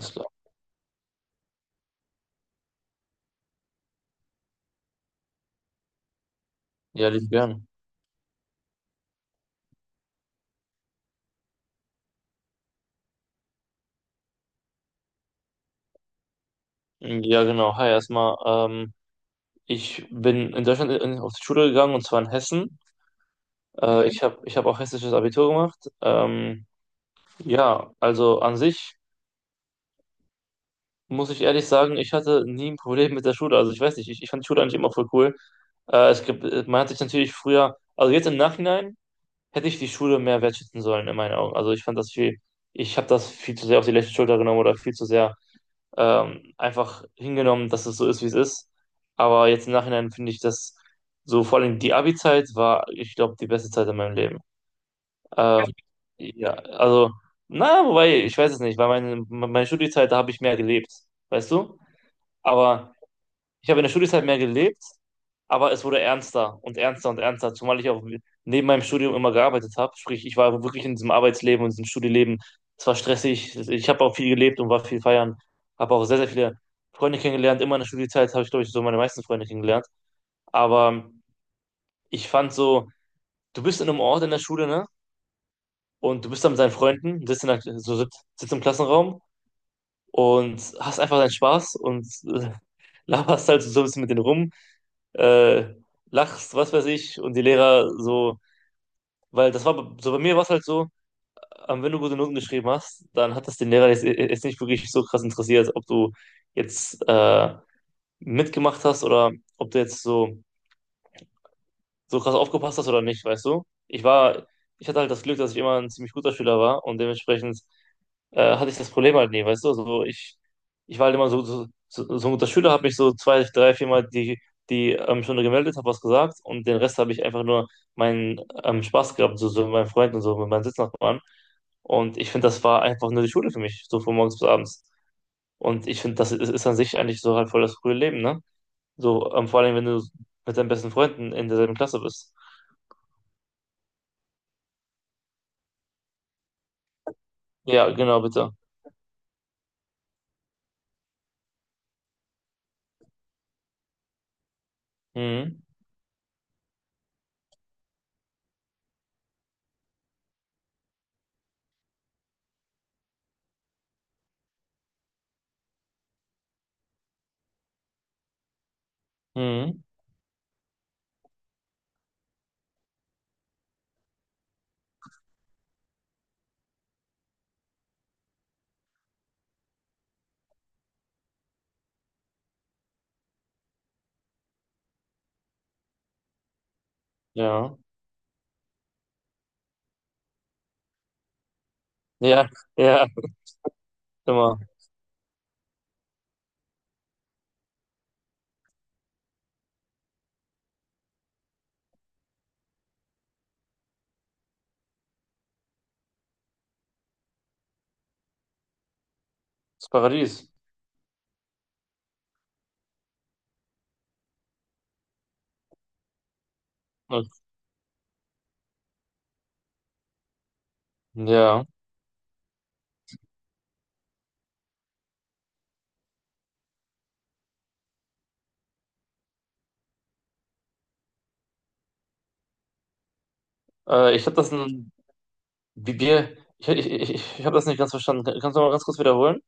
Alles klar. Ja, lieb gern. Ja, genau. Hi, erstmal. Ich bin in Deutschland auf die Schule gegangen, und zwar in Hessen. Ich hab auch hessisches Abitur gemacht. Ja, also an sich muss ich ehrlich sagen, ich hatte nie ein Problem mit der Schule. Also ich weiß nicht, ich fand die Schule eigentlich immer voll cool. Man hat sich natürlich früher, also jetzt im Nachhinein, hätte ich die Schule mehr wertschätzen sollen, in meinen Augen. Also ich fand das viel, ich habe das viel zu sehr auf die leichte Schulter genommen oder viel zu sehr einfach hingenommen, dass es so ist, wie es ist. Aber jetzt im Nachhinein finde ich das so, vor allem die Abi-Zeit war, ich glaube, die beste Zeit in meinem Leben. Ja. Ja, also, na, wobei, ich weiß es nicht, weil meine Studiezeit, da habe ich mehr gelebt, weißt du? Aber ich habe in der Studienzeit mehr gelebt, aber es wurde ernster und ernster und ernster, zumal ich auch neben meinem Studium immer gearbeitet habe. Sprich, ich war wirklich in diesem Arbeitsleben und diesem Studieleben. Es war stressig. Ich habe auch viel gelebt und war viel feiern. Habe auch sehr, sehr viele Freunde kennengelernt. Immer in der Studienzeit habe ich, glaube ich, so meine meisten Freunde kennengelernt. Aber ich fand so, du bist in einem Ort in der Schule, ne? Und du bist da mit deinen Freunden, sitzt, in der, so, sitzt sitzt im Klassenraum und hast einfach deinen Spaß und äh, laberst halt so ein bisschen mit denen rum, äh, lachst, was weiß ich, und die Lehrer so, weil das war b- so bei mir war es halt so, wenn du gute Noten geschrieben hast, dann hat das den Lehrer jetzt nicht wirklich so krass interessiert, ob du jetzt mitgemacht hast, oder ob du jetzt so, krass aufgepasst hast oder nicht, weißt du? Ich hatte halt das Glück, dass ich immer ein ziemlich guter Schüler war und dementsprechend hatte ich das Problem halt nie, weißt du? Also ich war halt immer so ein guter Schüler, habe mich so zwei, drei, viermal die Stunde gemeldet, habe was gesagt, und den Rest habe ich einfach nur meinen Spaß gehabt, so mit meinen Freunden und so, mit meinen Sitznachbarn. Und ich finde, das war einfach nur die Schule für mich, so von morgens bis abends. Und ich finde, das ist an sich eigentlich so halt voll das frühe Leben, ne? So, vor allem, wenn du mit deinen besten Freunden in derselben Klasse bist. Ja, genau, bitte. Mhm. Mhm. Ja. Ja, ja, immer. Das Paradies. Ja, äh, ich habe das ein, ich habe das nicht ganz verstanden. Kannst du mal ganz kurz wiederholen?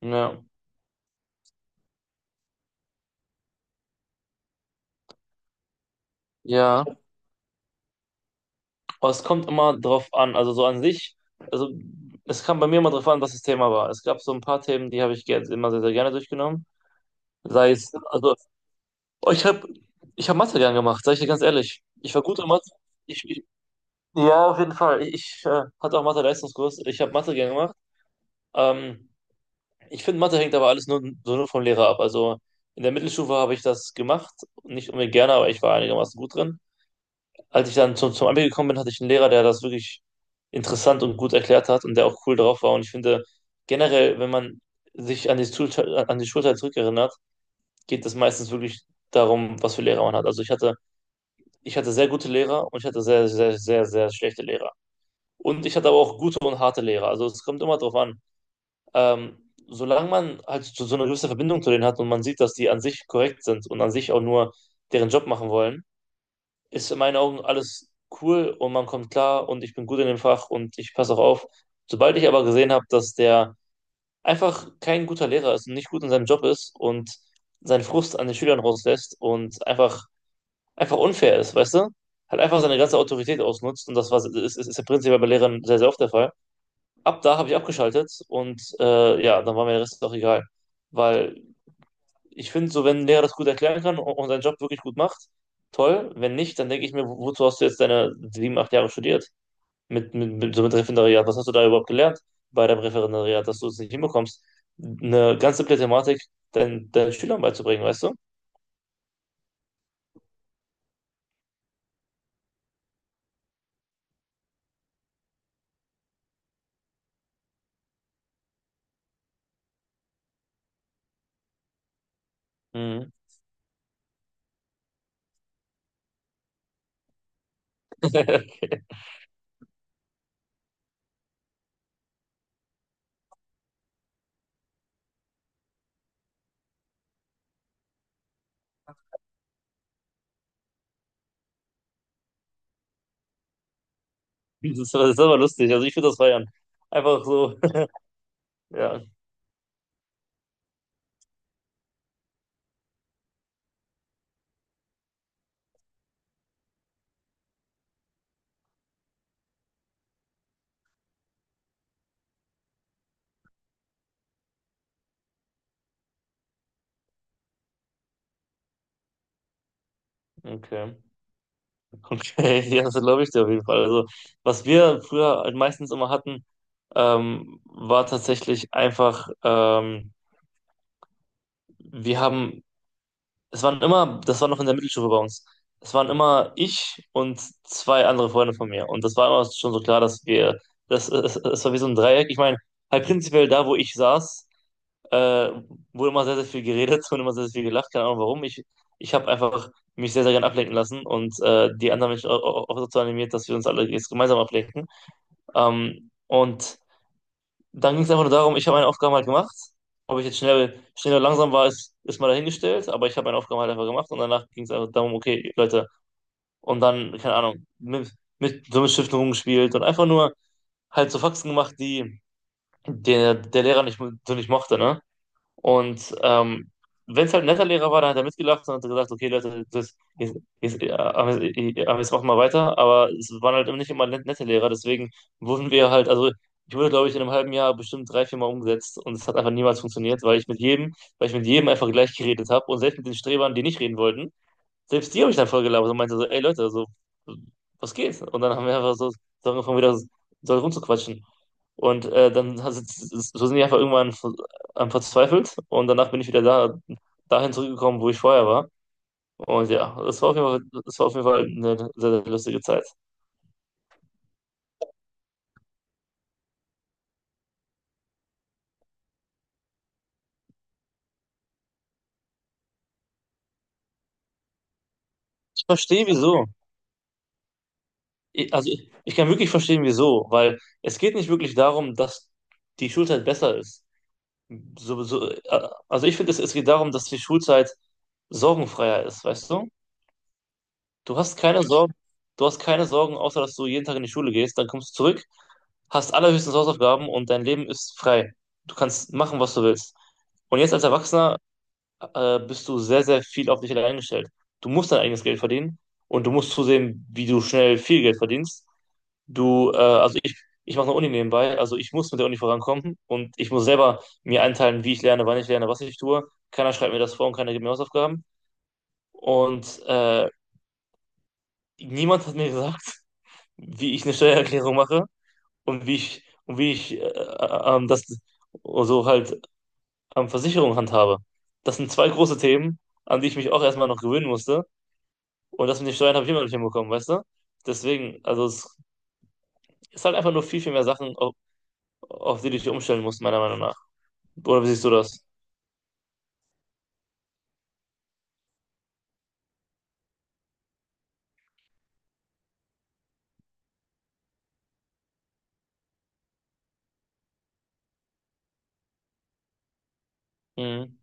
Ja. Ja, aber es kommt immer drauf an. Also so an sich, also es kam bei mir immer drauf an, was das Thema war. Es gab so ein paar Themen, die habe ich immer sehr, sehr gerne durchgenommen. Sei es, also oh, ich habe ich hab Mathe gern gemacht, sage ich dir ganz ehrlich. Ich war gut in Mathe. Ich, ich, ja, auf jeden Fall. Ich hatte auch Mathe-Leistungskurs. Ich habe Mathe gern gemacht. Ähm, Ich finde, Mathe hängt aber alles nur, so nur vom Lehrer ab. Also in der Mittelstufe habe ich das gemacht, nicht unbedingt gerne, aber ich war einigermaßen gut drin. Als ich dann zum Abi gekommen bin, hatte ich einen Lehrer, der das wirklich interessant und gut erklärt hat und der auch cool drauf war. Und ich finde generell, wenn man sich an die Schulzeit zurückerinnert, geht es meistens wirklich darum, was für Lehrer man hat. Also ich hatte sehr gute Lehrer, und ich hatte sehr, sehr, sehr, sehr schlechte Lehrer. Und ich hatte aber auch gute und harte Lehrer. Also es kommt immer drauf an. Ähm, Solange man halt so eine gewisse Verbindung zu denen hat und man sieht, dass die an sich korrekt sind und an sich auch nur deren Job machen wollen, ist in meinen Augen alles cool, und man kommt klar, und ich bin gut in dem Fach, und ich passe auch auf. Sobald ich aber gesehen habe, dass der einfach kein guter Lehrer ist und nicht gut in seinem Job ist und seinen Frust an den Schülern rauslässt und einfach unfair ist, weißt du? Hat einfach seine ganze Autorität ausnutzt, und das ist ja prinzipiell bei Lehrern sehr, sehr oft der Fall. Ab da habe ich abgeschaltet, und ja, dann war mir der Rest auch egal. Weil ich finde, so wenn ein Lehrer das gut erklären kann und seinen Job wirklich gut macht, toll. Wenn nicht, dann denke ich mir, wozu hast du jetzt deine sieben, acht Jahre studiert? So mit Referendariat. Was hast du da überhaupt gelernt bei deinem Referendariat, dass du es nicht hinbekommst, eine ganz simple Thematik deinen Schülern beizubringen, weißt du? Mhm. Das ist aber lustig. Also ich finde das feiern. Einfach so. Ja, okay. Okay, ja, das glaube ich dir auf jeden Fall. Also, was wir früher halt meistens immer hatten, war tatsächlich einfach, wir haben, es waren immer, das war noch in der Mittelstufe bei uns, es waren immer ich und zwei andere Freunde von mir. Und das war immer schon so klar, es war wie so ein Dreieck. Ich meine, halt prinzipiell da, wo ich saß, äh, wurde immer sehr, sehr viel geredet, wurde immer sehr, sehr viel gelacht, keine Ahnung warum. Ich habe einfach mich sehr, sehr gern ablenken lassen und die anderen Menschen auch dazu animiert, dass wir uns alle jetzt gemeinsam ablenken. Und dann ging es einfach nur darum, ich habe meine Aufgaben halt gemacht. Ob ich jetzt schnell oder langsam war, ist mal dahingestellt, aber ich habe meine Aufgaben halt einfach gemacht, und danach ging es einfach darum, okay, Leute, und dann, keine Ahnung, mit Stiften rumgespielt und einfach nur halt so Faxen gemacht, die der Lehrer nicht mochte, ne? Und wenn es halt ein netter Lehrer war, dann hat er mitgelacht und hat gesagt, okay, Leute, aber jetzt machen wir weiter. Aber es waren halt nicht immer nette Lehrer, deswegen wurden wir halt, also ich wurde, glaube ich, in einem halben Jahr bestimmt drei, vier Mal umgesetzt, und es hat einfach niemals funktioniert, weil ich mit jedem, weil ich mit jedem einfach gleich geredet habe, und selbst mit den Strebern, die nicht reden wollten, selbst die habe ich dann voll gelabert und meinte so, ey Leute, so, was geht? Und dann haben wir einfach so, angefangen, wieder so rumzuquatschen. Und so sind die einfach irgendwann am verzweifelt, und danach bin ich wieder dahin zurückgekommen, wo ich vorher war. Und ja, das war auf jeden Fall, das war auf jeden Fall eine sehr, sehr lustige Zeit. Ich verstehe wieso. Also ich kann wirklich verstehen wieso, weil es geht nicht wirklich darum, dass die Schulzeit besser ist. Also ich finde, es geht darum, dass die Schulzeit sorgenfreier ist, weißt du? Du hast keine Sorgen, du hast keine Sorgen, außer dass du jeden Tag in die Schule gehst, dann kommst du zurück, hast allerhöchstens Hausaufgaben, und dein Leben ist frei. Du kannst machen, was du willst. Und jetzt als Erwachsener bist du sehr, sehr viel auf dich allein gestellt. Du musst dein eigenes Geld verdienen, und du musst zusehen, wie du schnell viel Geld verdienst. Also ich mache eine Uni nebenbei, also ich muss mit der Uni vorankommen, und ich muss selber mir einteilen, wie ich lerne, wann ich lerne, was ich tue. Keiner schreibt mir das vor, und keiner gibt mir Hausaufgaben. Und niemand hat mir gesagt, wie ich eine Steuererklärung mache und wie ich das so halt Versicherung handhabe. Das sind zwei große Themen, an die ich mich auch erstmal noch gewöhnen musste. Und das mit den Steuern habe ich immer noch nicht hinbekommen, weißt du? Deswegen, also es ist halt einfach nur viel, viel mehr Sachen, auf die du dich umstellen musst, meiner Meinung nach. Oder wie siehst du das? Mhm.